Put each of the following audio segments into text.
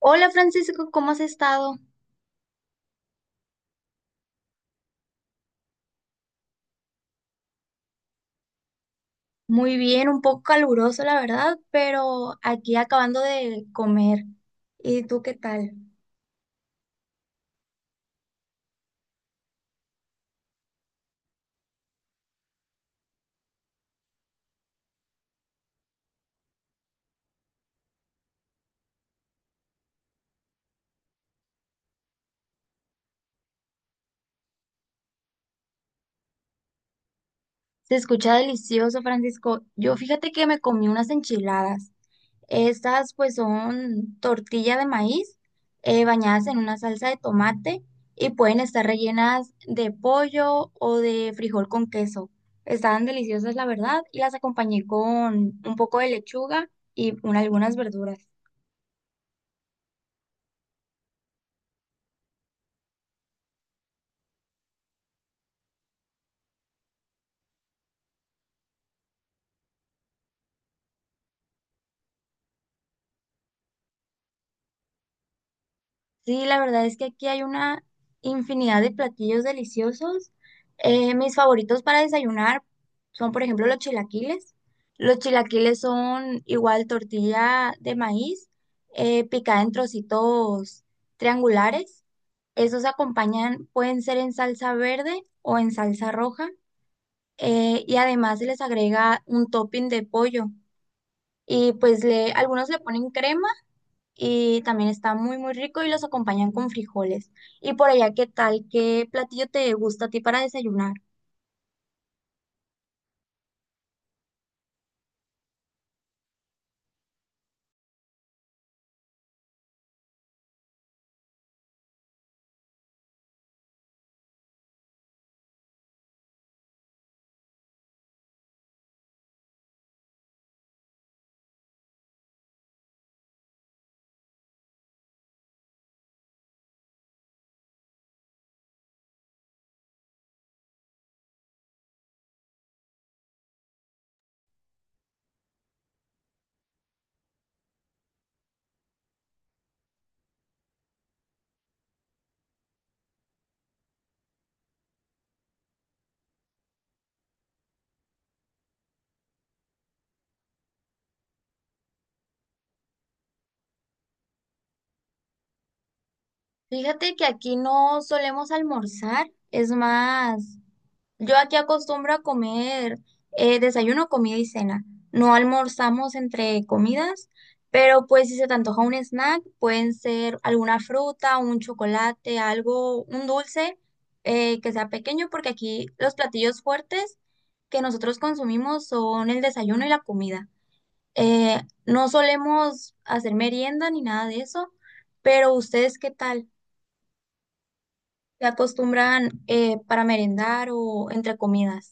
Hola Francisco, ¿cómo has estado? Muy bien, un poco caluroso la verdad, pero aquí acabando de comer. ¿Y tú qué tal? Se escucha delicioso, Francisco. Yo fíjate que me comí unas enchiladas. Estas pues son tortilla de maíz bañadas en una salsa de tomate y pueden estar rellenas de pollo o de frijol con queso. Estaban deliciosas la verdad y las acompañé con un poco de lechuga y algunas verduras. Sí, la verdad es que aquí hay una infinidad de platillos deliciosos. Mis favoritos para desayunar son, por ejemplo, los chilaquiles. Los chilaquiles son igual tortilla de maíz picada en trocitos triangulares. Esos acompañan, pueden ser en salsa verde o en salsa roja. Y además se les agrega un topping de pollo. Y pues algunos le ponen crema y también está muy, muy rico y los acompañan con frijoles. Y por allá, ¿qué tal? ¿Qué platillo te gusta a ti para desayunar? Fíjate que aquí no solemos almorzar, es más. Yo aquí acostumbro a comer desayuno, comida y cena. No almorzamos entre comidas, pero pues si se te antoja un snack, pueden ser alguna fruta, un chocolate, algo, un dulce que sea pequeño, porque aquí los platillos fuertes que nosotros consumimos son el desayuno y la comida. Eh, no solemos hacer merienda ni nada de eso, pero ¿ustedes qué tal? ¿Se acostumbran para merendar o entre comidas?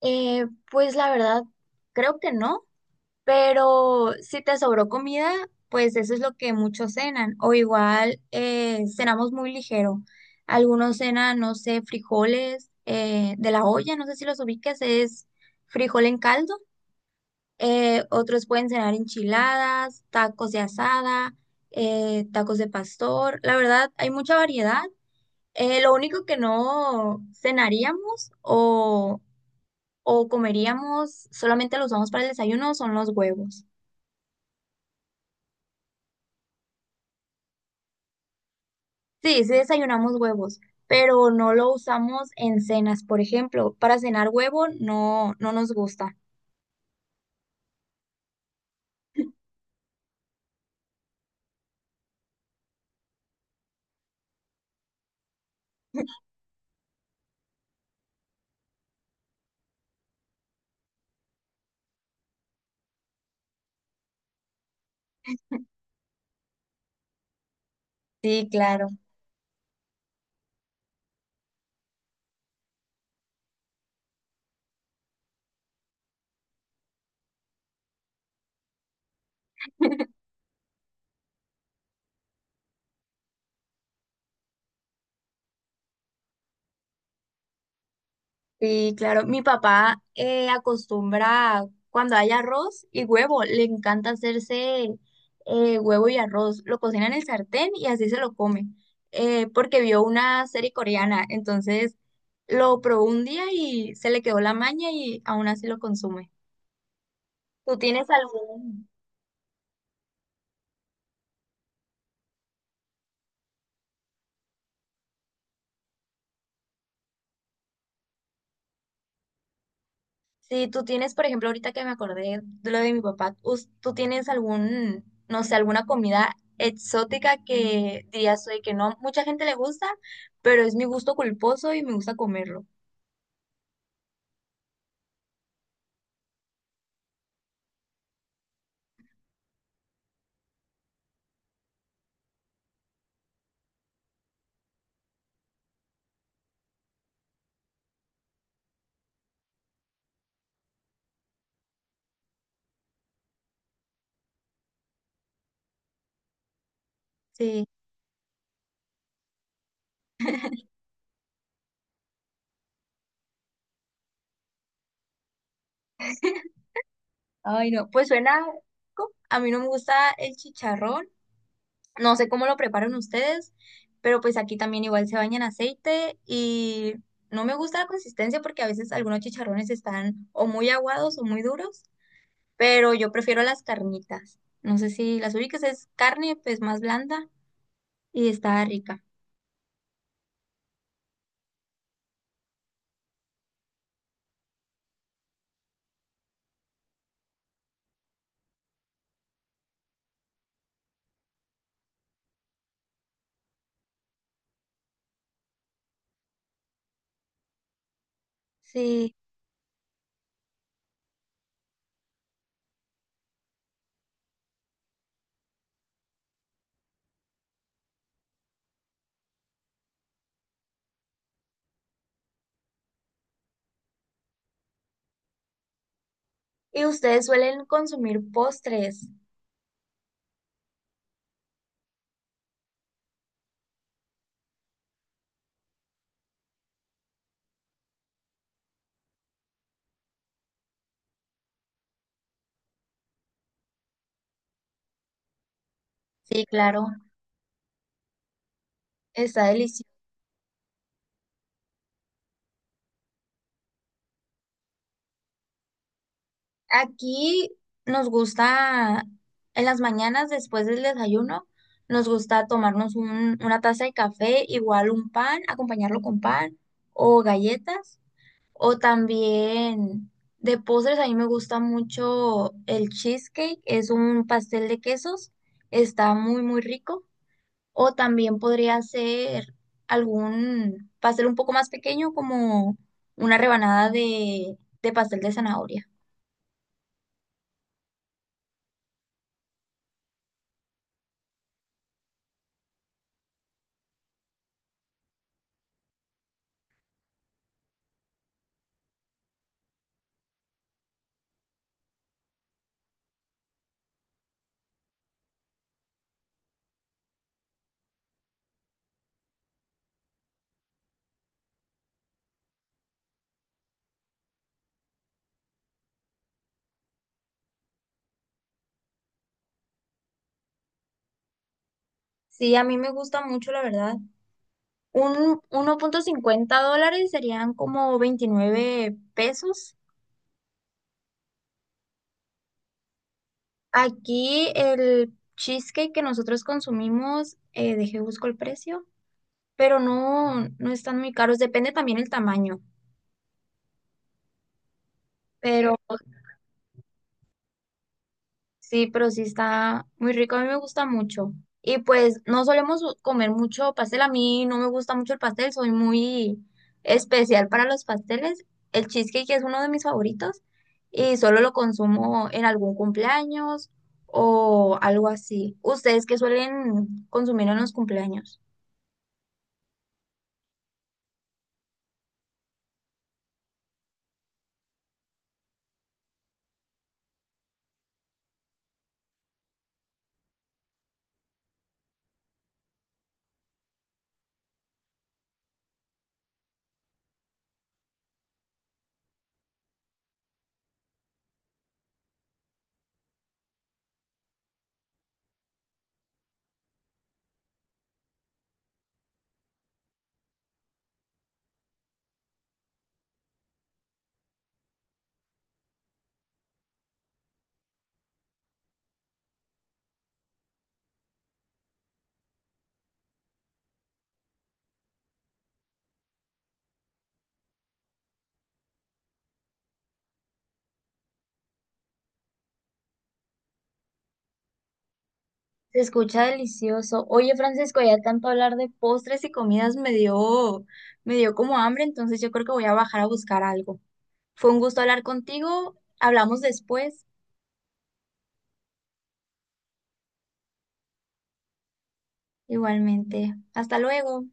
Pues la verdad, creo que no, pero si te sobró comida, pues eso es lo que muchos cenan, o igual cenamos muy ligero. Algunos cenan, no sé, frijoles de la olla, no sé si los ubiques, es frijol en caldo. Otros pueden cenar enchiladas, tacos de asada, tacos de pastor. La verdad, hay mucha variedad. Lo único que no cenaríamos o comeríamos, solamente lo usamos para el desayuno, son los huevos. Sí, sí desayunamos huevos, pero no lo usamos en cenas, por ejemplo. Para cenar huevo no, no nos gusta. Sí, claro, sí, claro. Mi papá acostumbra cuando hay arroz y huevo, le encanta hacerse huevo y arroz. Lo cocina en el sartén y así se lo come, porque vio una serie coreana. Entonces lo probó un día y se le quedó la maña y aún así lo consume. ¿Tú tienes algún, sí, tú tienes, por ejemplo, ahorita que me acordé de lo de mi papá, tú tienes algún, no sé, alguna comida exótica que dirías, oye, que no, mucha gente le gusta, pero es mi gusto culposo y me gusta comerlo? Sí. Ay, no, pues suena, rico. A mí no me gusta el chicharrón, no sé cómo lo preparan ustedes, pero pues aquí también igual se baña en aceite y no me gusta la consistencia porque a veces algunos chicharrones están o muy aguados o muy duros. Pero yo prefiero las carnitas. No sé si las ubicas, es carne pues más blanda y está rica. Sí. ¿Y ustedes suelen consumir postres? Sí, claro, está delicioso. Aquí nos gusta, en las mañanas después del desayuno, nos gusta tomarnos una taza de café, igual un pan, acompañarlo con pan o galletas. O también de postres, a mí me gusta mucho el cheesecake, es un pastel de quesos, está muy, muy rico. O también podría ser algún pastel un poco más pequeño, como una rebanada de pastel de zanahoria. Sí, a mí me gusta mucho, la verdad. Un $1.50 serían como 29 pesos. Aquí el cheesecake que nosotros consumimos, dejé busco el precio. Pero no, no están muy caros, depende también el tamaño, pero sí, pero sí está muy rico, a mí me gusta mucho. Y pues no solemos comer mucho pastel, a mí no me gusta mucho el pastel, soy muy especial para los pasteles. El cheesecake es uno de mis favoritos y solo lo consumo en algún cumpleaños o algo así. ¿Ustedes qué suelen consumir en los cumpleaños? Se escucha delicioso. Oye, Francisco, ya tanto hablar de postres y comidas me dio como hambre, entonces yo creo que voy a bajar a buscar algo. Fue un gusto hablar contigo. Hablamos después. Igualmente. Hasta luego.